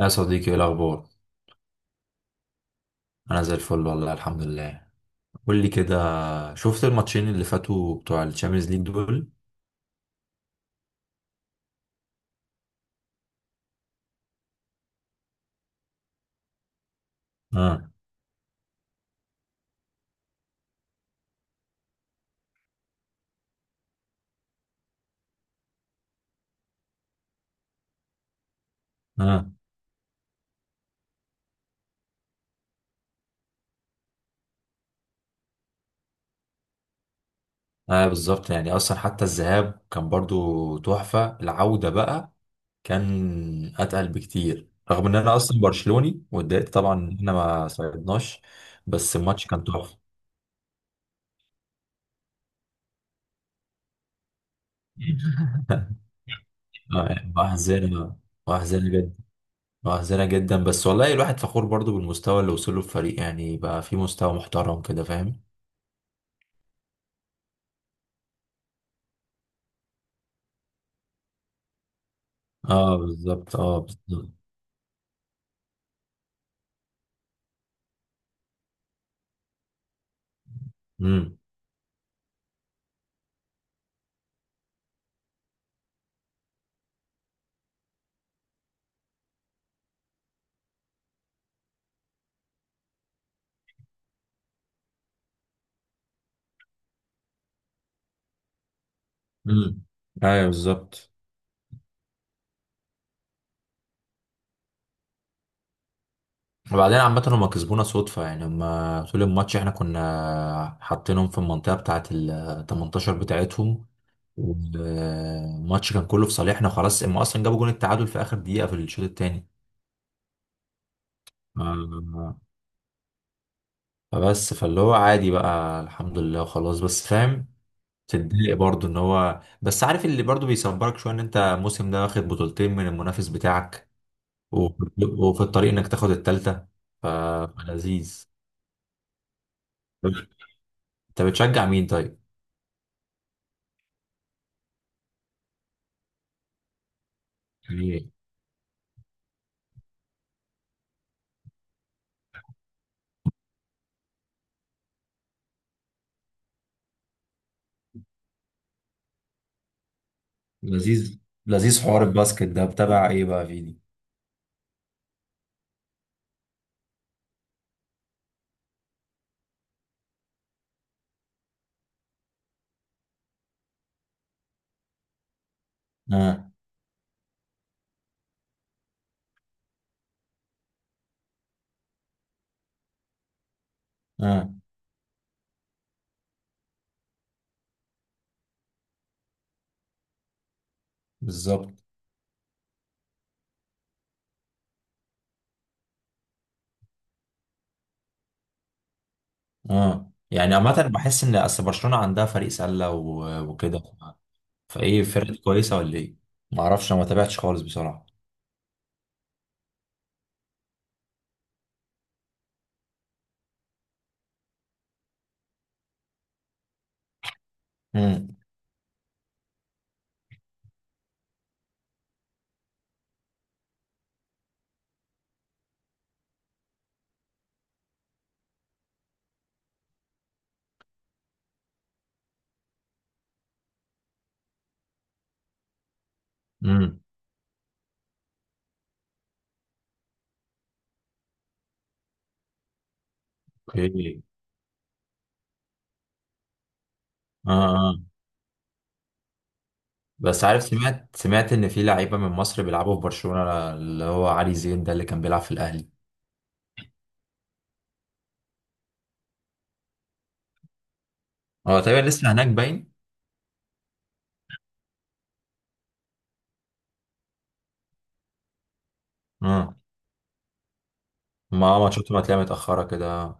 يا صديقي، ايه الاخبار؟ انا زي الفل والله، الحمد لله. قول لي كده، شفت الماتشين اللي فاتوا بتوع الشامبيونز ليج دول؟ اه اه اه، بالظبط. يعني اصلا حتى الذهاب كان برضو تحفة. العودة بقى كان اتقل بكتير، رغم ان انا اصلا برشلوني واتضايقت طبعا ان احنا ما صعدناش. بس الماتش كان تحفة. وأحزنة، وأحزنة جدا، وأحزنة جدا، بس والله الواحد فخور برضو بالمستوى اللي وصله الفريق، يعني بقى في مستوى محترم كده، فاهم. اه بالظبط، اه بالظبط. امم، امم، ايوه بالظبط. وبعدين عامة هما كسبونا صدفة، يعني هما طول الماتش احنا كنا حاطينهم في المنطقة بتاعة ال 18 بتاعتهم، والماتش كان كله في صالحنا، خلاص هما اصلا جابوا جون التعادل في اخر دقيقة في الشوط التاني. آه، فبس، فاللي هو عادي بقى، الحمد لله، خلاص بس فاهم. تتضايق برضه، ان هو بس عارف اللي برضه بيصبرك شوية ان انت الموسم ده واخد بطولتين من المنافس بتاعك، وفي الطريق انك تاخد التالتة. ف- فلذيذ. طب انت بتشجع مين طيب؟ يعني. لذيذ، لذيذ، حوار الباسكت ده بتابع ايه بقى فيني؟ اه اه بالظبط اه. يعني عامة بحس ان اصل برشلونة عندها فريق سلة وكده. فايه الفرقة دي، كويسة ولا ايه؟ ما اعرفش، انا ما تابعتش خالص بصراحة. امم، امم، اوكي، اه اه. بس عارف، سمعت ان في لعيبة من مصر بيلعبوا في برشلونة، اللي هو علي زين ده اللي كان بيلعب في الاهلي. اه، تقريبا لسه هناك باين. اه، ما ماتشاته ما تلاقيها متأخرة كده.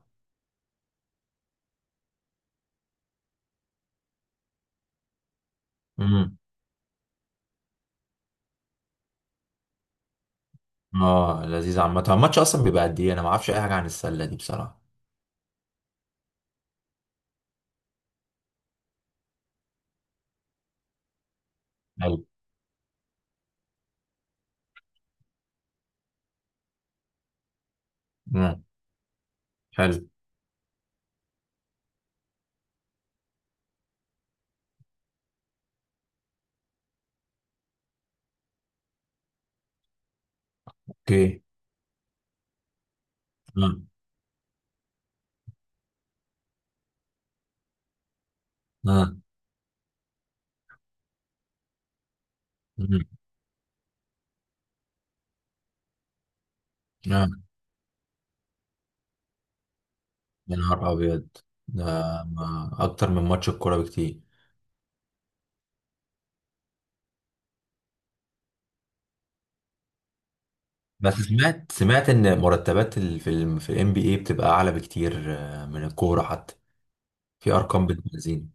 امم. اه لذيذ. عامة الماتش اصلا بيبقى قد ايه؟ انا ما اعرفش اي حاجة عن السلة دي بصراحة. حلو. امم. حلو، اوكي، امم، امم، امم، امم. يا نهار ابيض! ده اكتر من ماتش الكورة بكتير. بس سمعت ان مرتبات ال- في ال في الام بي اي بتبقى اعلى بكتير، من الكورة حتى. في ارقام بتنزين.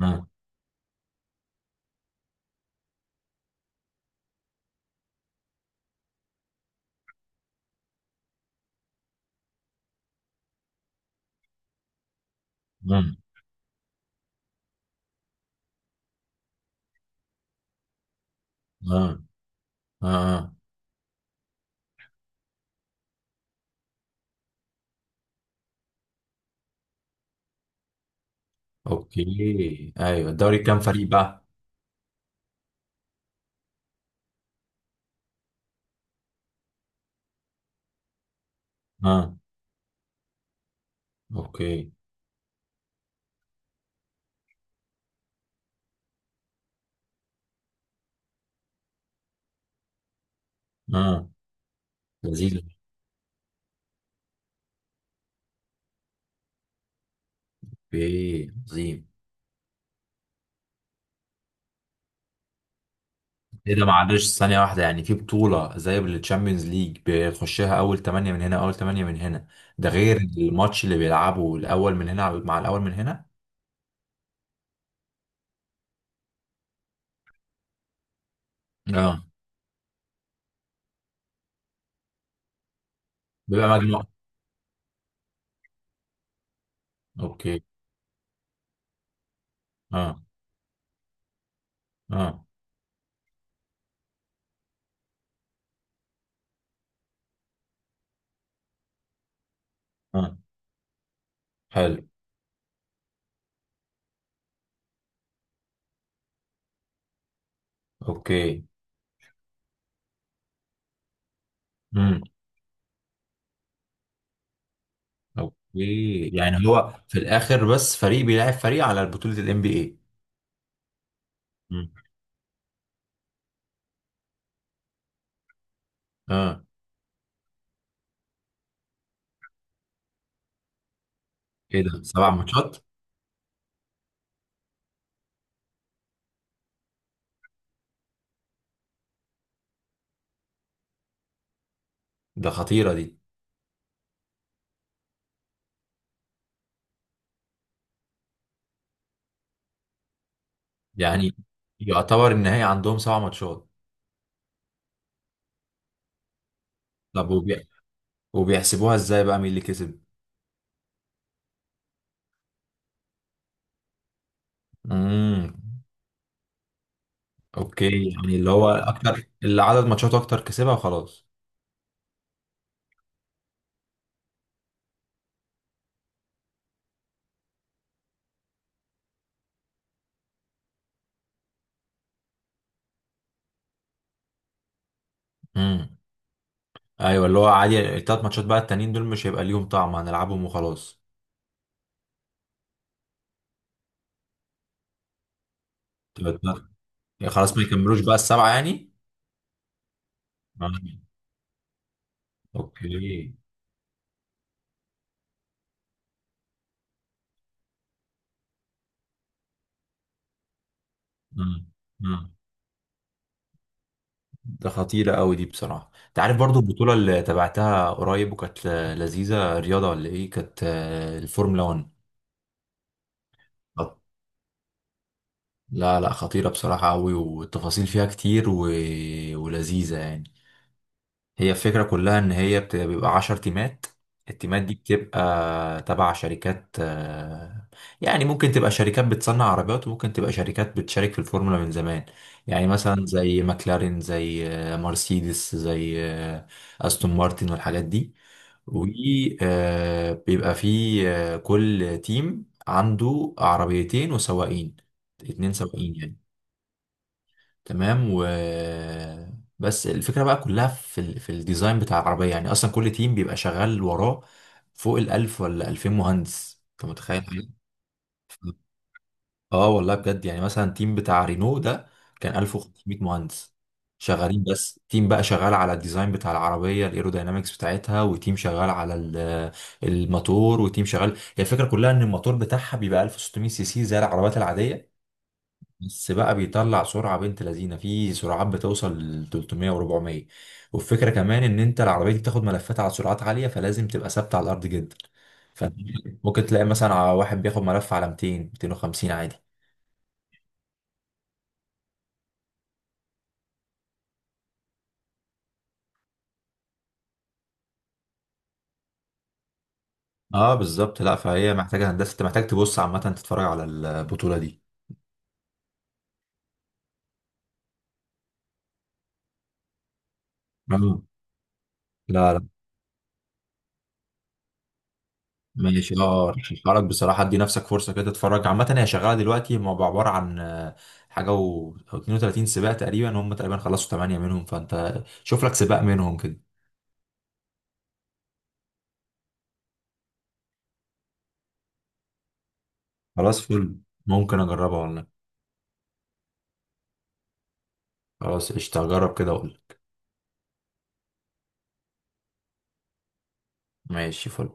امم، امم، امم، اوكي، ايوه، الدوري كام فريق بقى؟ اه اوكي. اه لذيذ. اوكي عظيم. ايه ده؟ معلش، ثانية واحدة. يعني في بطولة زي التشامبيونز ليج بيخشها أول 8 من هنا، أول 8 من هنا؟ ده غير الماتش اللي بيلعبه الأول من هنا مع الأول من هنا. اه، بيبقى مجموعة. اوكي اه اه اه، حلو، اوكي، امم، اوكي. يعني هو في الآخر بس فريق بيلعب فريق على بطولة ال NBA؟ امم اه. ايه ده، 7 ماتشات؟ ده خطيرة دي. يعني يعتبر النهائي عندهم 7 ماتشات؟ طب وبيحسبوها ازاي بقى مين اللي كسب؟ امم، اوكي، يعني اللي هو اكتر، اللي عدد ماتشات اكتر كسبها وخلاص. امم، ايوه، اللي هو عادي، التلات ماتشات بقى التانيين دول مش هيبقى ليهم طعم، هنلعبهم وخلاص. تبقى التلات- يعني خلاص ما يكملوش بقى السبعة يعني. مم. اوكي، امم، امم. ده خطيرة قوي دي بصراحة. انت عارف برضو البطولة اللي تابعتها قريب وكانت لذيذة، رياضة ولا ايه، كانت الفورمولا 1. لا لا، خطيرة بصراحة أوي، والتفاصيل فيها كتير و... ولذيذة يعني. هي الفكرة كلها إن هي بيبقى 10 تيمات. التيمات دي بتبقى تبع شركات، يعني ممكن تبقى شركات بتصنع عربيات، وممكن تبقى شركات بتشارك في الفورمولا من زمان. يعني مثلا زي ماكلارين، زي مرسيدس، زي أستون مارتن والحاجات دي. وبيبقى في كل تيم عنده عربيتين وسواقين، 2 سواقين يعني. تمام. و، بس الفكره بقى كلها في الديزاين بتاع العربيه، يعني اصلا كل تيم بيبقى شغال وراه فوق الالف ولا الفين مهندس، انت متخيل! اه والله بجد، يعني مثلا تيم بتاع رينو ده كان 1500 مهندس شغالين. بس تيم بقى شغال على الديزاين بتاع العربيه، الايروداينامكس بتاعتها، وتيم شغال على الموتور، وتيم شغال. هي الفكره كلها ان الموتور بتاعها بيبقى 1600 سي سي زي العربيات العاديه، بس بقى بيطلع سرعة بنت لذينة، في سرعات بتوصل ل 300 و400. والفكرة كمان ان انت العربية دي بتاخد ملفات على سرعات عالية، فلازم تبقى ثابتة على الارض جدا. فانت ممكن تلاقي مثلا على واحد بياخد ملف على 200، 250 عادي. اه بالظبط، لا فهي محتاجة هندسة، انت محتاج تبص. عامة تتفرج على البطولة دي. آه. لا، ماشي، اه رشحهالك بصراحة، ادي نفسك فرصة كده تتفرج. عامة هي شغالة دلوقتي، هم عبارة عن حاجة و أو 32 سباق تقريبا، هم تقريبا خلصوا 8 منهم، فانت شوف لك سباق منهم كده. خلاص فل، ممكن اجربها ولا لأ. خلاص قشطة، اجرب كده اقول. ماشي فل.